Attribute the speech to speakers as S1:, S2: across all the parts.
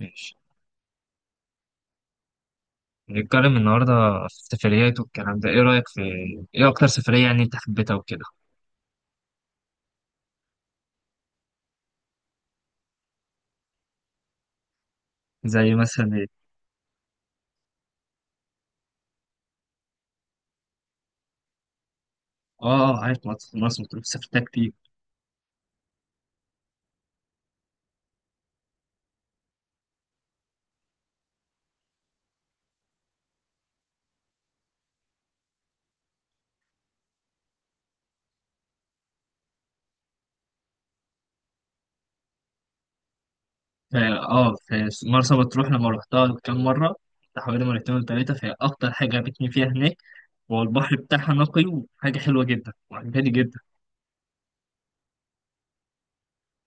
S1: ماشي. نتكلم النهاردة في السفريات والكلام ده. ايه رأيك في ايه أكتر سفرية يعني انت حبيتها وكده؟ زي مثلا ايه؟ اه اه، عارف مرسى مطروح، سافرتها كتير. فا اه في مرسى مطروح لما روحتها كام مرة، بتاع حوالي مرتين ولا تلاتة، فهي أكتر حاجة عجبتني فيها هناك هو البحر بتاعها، نقي وحاجة حلوة جدا وعجباني جدا.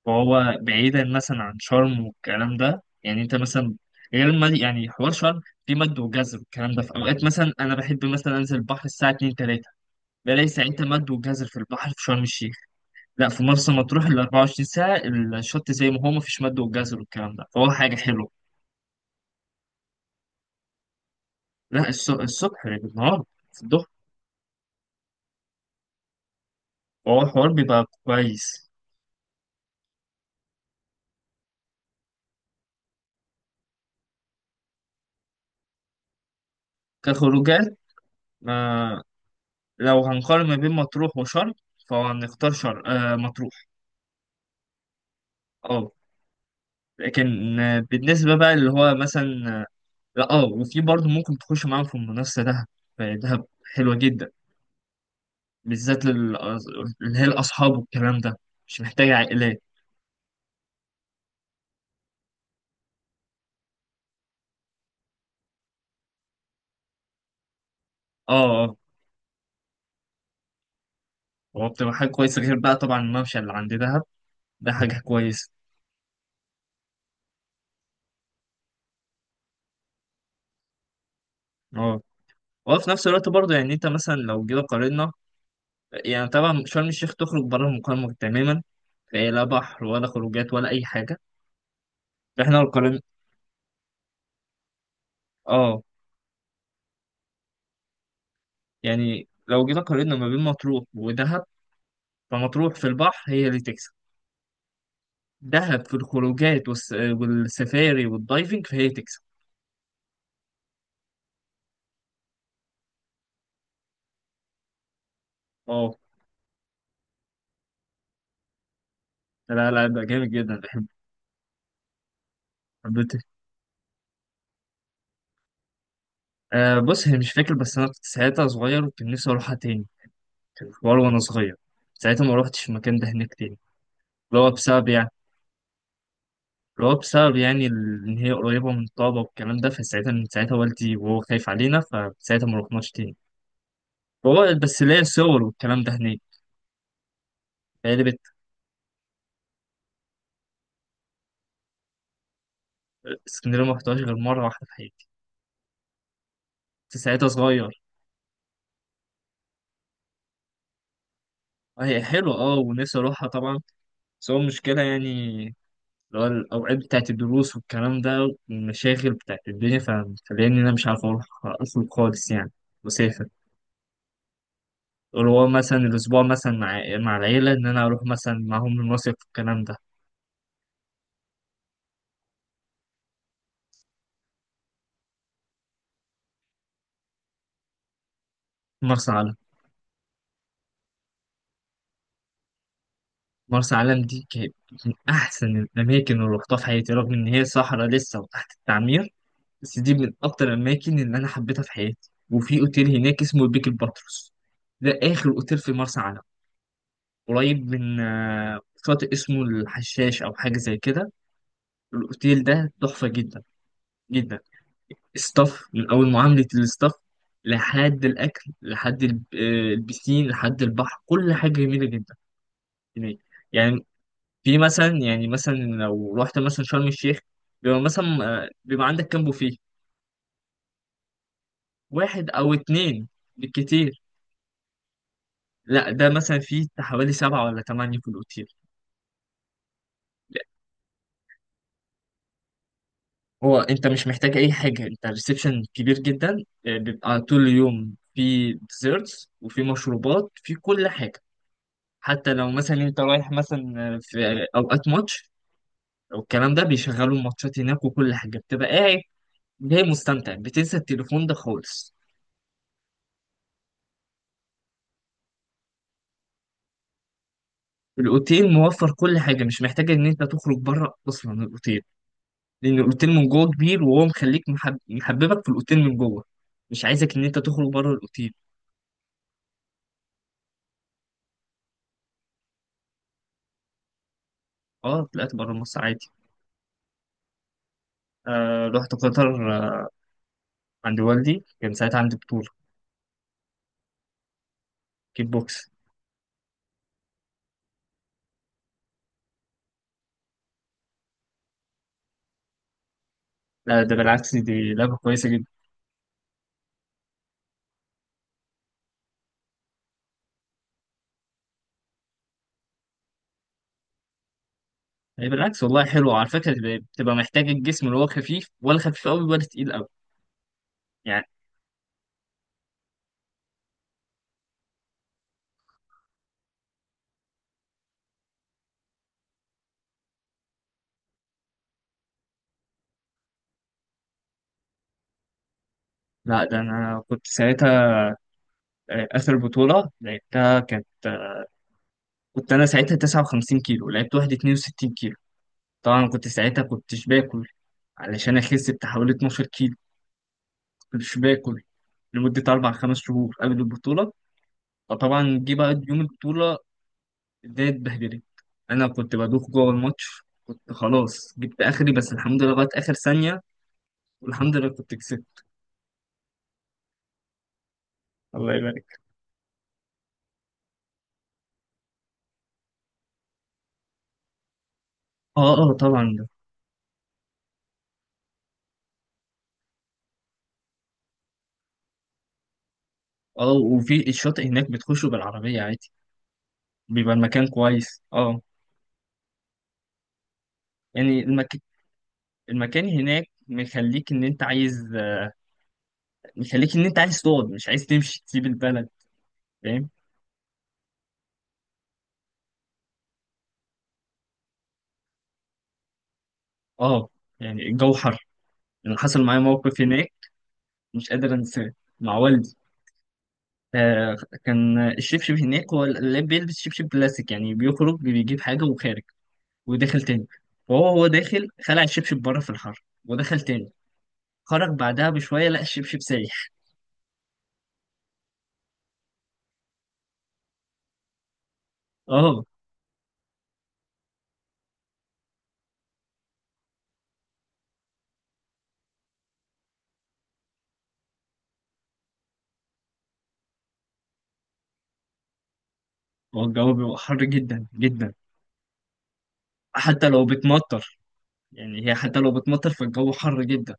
S1: وهو بعيدا مثلا عن شرم والكلام ده، يعني انت مثلا غير المد... يعني حوار شرم في مد وجزر والكلام ده، في أوقات مثلا أنا بحب مثلا أنزل البحر الساعة 2 3 بلاقي ساعتها مد والجزر في البحر في شرم الشيخ. لا في مرسى مطروح ال 24 ساعة الشط زي ما هو، مفيش مد والجزر والكلام ده، فهو حاجة حلوة. لا، الصبح بالنهار، في الظهر. فهو الحوار بيبقى كويس. كخروجات، ما لو هنقارن ما بين مطروح وشرم فهنختار شرم. آه، مطروح. اه. لكن بالنسبة بقى اللي هو مثلا لا اه، وفي برضه ممكن تخش معاهم في المنافسة دهب. دهب حلوة جدا، بالذات اللي هي الأصحاب والكلام ده، مش محتاجة عائلات. اه اه. هو بتبقى حاجة كويسة، غير بقى طبعا الممشى اللي عند دهب، ده حاجة كويسة. اه. وفي نفس الوقت برضه يعني انت مثلا لو جينا قارنا، يعني طبعا شرم الشيخ تخرج بره المقارنة تماما، فهي لا بحر ولا خروجات ولا أي حاجة. فاحنا لو قارنا، اه يعني لو جينا قارنا ما بين مطروح ودهب، فمطروح في البحر هي اللي تكسب، دهب في الخروجات والسفاري والدايفنج فهي تكسب. اه. لا لا، ده جامد جدا، بحبه، حبيته. آه بص، هي مش فاكر، بس انا كنت ساعتها صغير وكان نفسي اروحها تاني. كان في حوار وانا صغير، ساعتها ما روحتش المكان ده هناك تاني. اللي هو بسبب يعني اللي هو بسبب يعني ان هي قريبه من الطابه والكلام ده، فساعتها من ساعتها والدي وهو خايف علينا، فساعتها ما روحناش تاني. هو بس ليا صور والكلام ده هناك. بقالي بت. اسكندريه ما رحتهاش غير مره واحده في حياتي، كنت ساعتها صغير. هي حلوه اه، ونفسي اروحها طبعا. بس هو المشكله يعني اللي هو الاوقات بتاعت الدروس والكلام ده والمشاغل بتاعت الدنيا، فمخليني إن انا مش عارف اروح اصلا خالص يعني. مسافر اللي هو مثلا الأسبوع مثلا مع العيلة، إن أنا أروح مثلا معاهم المصيف والكلام ده. مرسى علم. مرسى علم دي كانت من أحسن الأماكن اللي روحتها في حياتي، رغم إن هي صحراء لسه وتحت التعمير، بس دي من أكتر الأماكن اللي أنا حبيتها في حياتي. وفي أوتيل هناك اسمه البيك الباتروس، ده آخر أوتيل في مرسى علم. قريب من شاطئ اسمه الحشاش أو حاجة زي كده. الأوتيل ده تحفة جدا جدا. ستاف، من اول معامله الستاف لحد الاكل لحد البسين لحد البحر، كل حاجه جميله جدا هناك. يعني في مثلا، يعني مثلا لو رحت مثلا شرم الشيخ بيبقى مثلا بيبقى عندك كام بوفيه، واحد او اتنين بالكتير. لا ده مثلا فيه حوالي سبعة ولا تمانية في الأوتيل. لا، هو انت مش محتاج اي حاجه، انت الريسبشن كبير جدا، بيبقى طول اليوم في ديزيرتس وفي مشروبات، في كل حاجه. حتى لو مثلا انت رايح مثلا في اوقات ماتش والكلام ده، بيشغلوا الماتشات هناك، وكل حاجه بتبقى قاعد جاي مستمتع، بتنسى التليفون ده خالص. الاوتيل موفر كل حاجه، مش محتاج ان انت تخرج بره اصلا الاوتيل، لان الاوتيل من جوه كبير، وهو مخليك محببك في الاوتيل من جوه، مش عايزك ان انت تخرج بره الاوتيل. اه، طلعت بره مصر عادي. آه، رحت قطر. آه، عند والدي، كان ساعتها عندي بطوله. كيك بوكس. لا ده بالعكس، دي لعبه كويسه جدا. هي بالعكس والله، حلو على فكرة. بتبقى محتاج الجسم اللي هو خفيف، ولا خفيف قوي ولا تقيل قوي؟ يعني لا، ده انا كنت ساعتها اخر بطولة لعبتها كانت، كنت انا ساعتها 59 كيلو، لعبت واحد 62 كيلو. طبعا كنت ساعتها كنتش باكل علشان اخس بتاع حوالي 12 كيلو، كنتش باكل لمدة أربع خمس شهور قبل البطولة. فطبعا جه بقى يوم البطولة، الدنيا اتبهدلت. أنا كنت بدوخ جوه الماتش، كنت خلاص جبت آخري، بس الحمد لله لغاية آخر ثانية والحمد لله كنت كسبت. الله يبارك. اه اه طبعا، ده اه وفي الشاطئ هناك بتخشوا بالعربية عادي، بيبقى المكان كويس. اه، يعني المكان هناك مخليك ان انت عايز، مخليك ان انت عايز تقعد، مش عايز تمشي تسيب البلد، فاهم. اه، يعني الجو حر. انا حصل معايا موقف هناك مش قادر انساه، مع والدي. آه، كان الشبشب هناك، هو اللي بيلبس شبشب بلاستيك، يعني بيخرج بيجيب حاجة وخارج وداخل تاني. فهو، هو داخل خلع الشبشب بره في الحر ودخل تاني، خرج بعدها بشوية لقى الشبشب سايح. اه، هو الجو بيبقى حر جدا جدا، حتى لو بتمطر. يعني هي حتى لو بتمطر، فالجو حر جدا.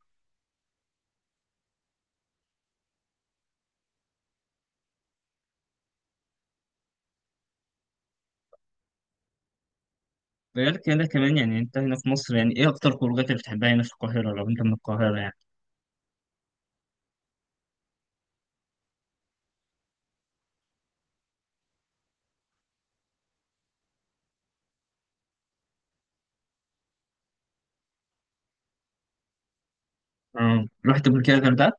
S1: ده غير كده كمان. يعني انت هنا في مصر، يعني ايه اكتر خروجات اللي بتحبها هنا في القاهرة لو انت من القاهرة يعني؟ اه، رحت قبل كده الغردقة،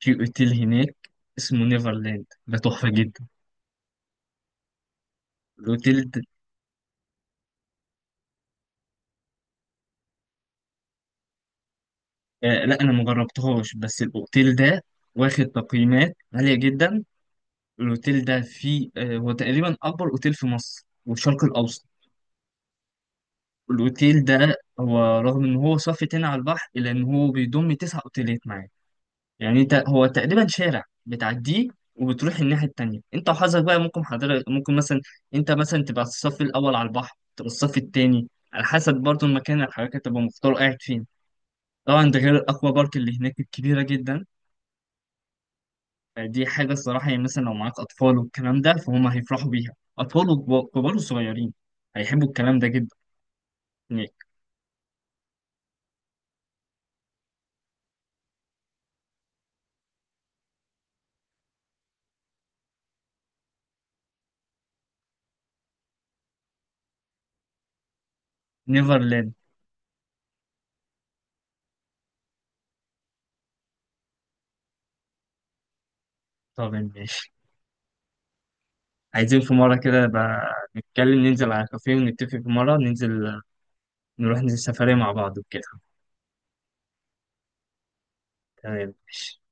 S1: في اوتيل هناك اسمه نيفرلاند، ده تحفة جدا. الاوتيل ده، آه لا انا مجربتهاش، بس الاوتيل ده واخد تقييمات عالية جدا. الاوتيل ده فيه آه، هو تقريبا اكبر اوتيل في مصر والشرق الاوسط. الأوتيل ده هو، رغم إن هو صافي تاني على البحر، إلا إن هو بيضم تسع أوتيلات معاه. يعني أنت، هو تقريبا شارع بتعديه وبتروح الناحية التانية، أنت وحظك بقى. ممكن حضرتك ممكن مثلا أنت مثلا تبقى الصف الأول على البحر، تبقى الصف التاني، على حسب برضه المكان اللي حضرتك تبقى مختار قاعد فين. طبعا ده غير الأكوا بارك اللي هناك الكبيرة جدا. دي حاجة الصراحة يعني، مثلا لو معاك أطفال والكلام ده، فهم هيفرحوا بيها، أطفال وكبار وصغيرين هيحبوا الكلام ده جدا. هناك. نيفرلاند. طب ماشي. عايزين في مرة كده بقى نتكلم ننزل على كافيه، ونتفق في مرة ننزل نروح، ننزل سفرية مع بعض وكده. تمام.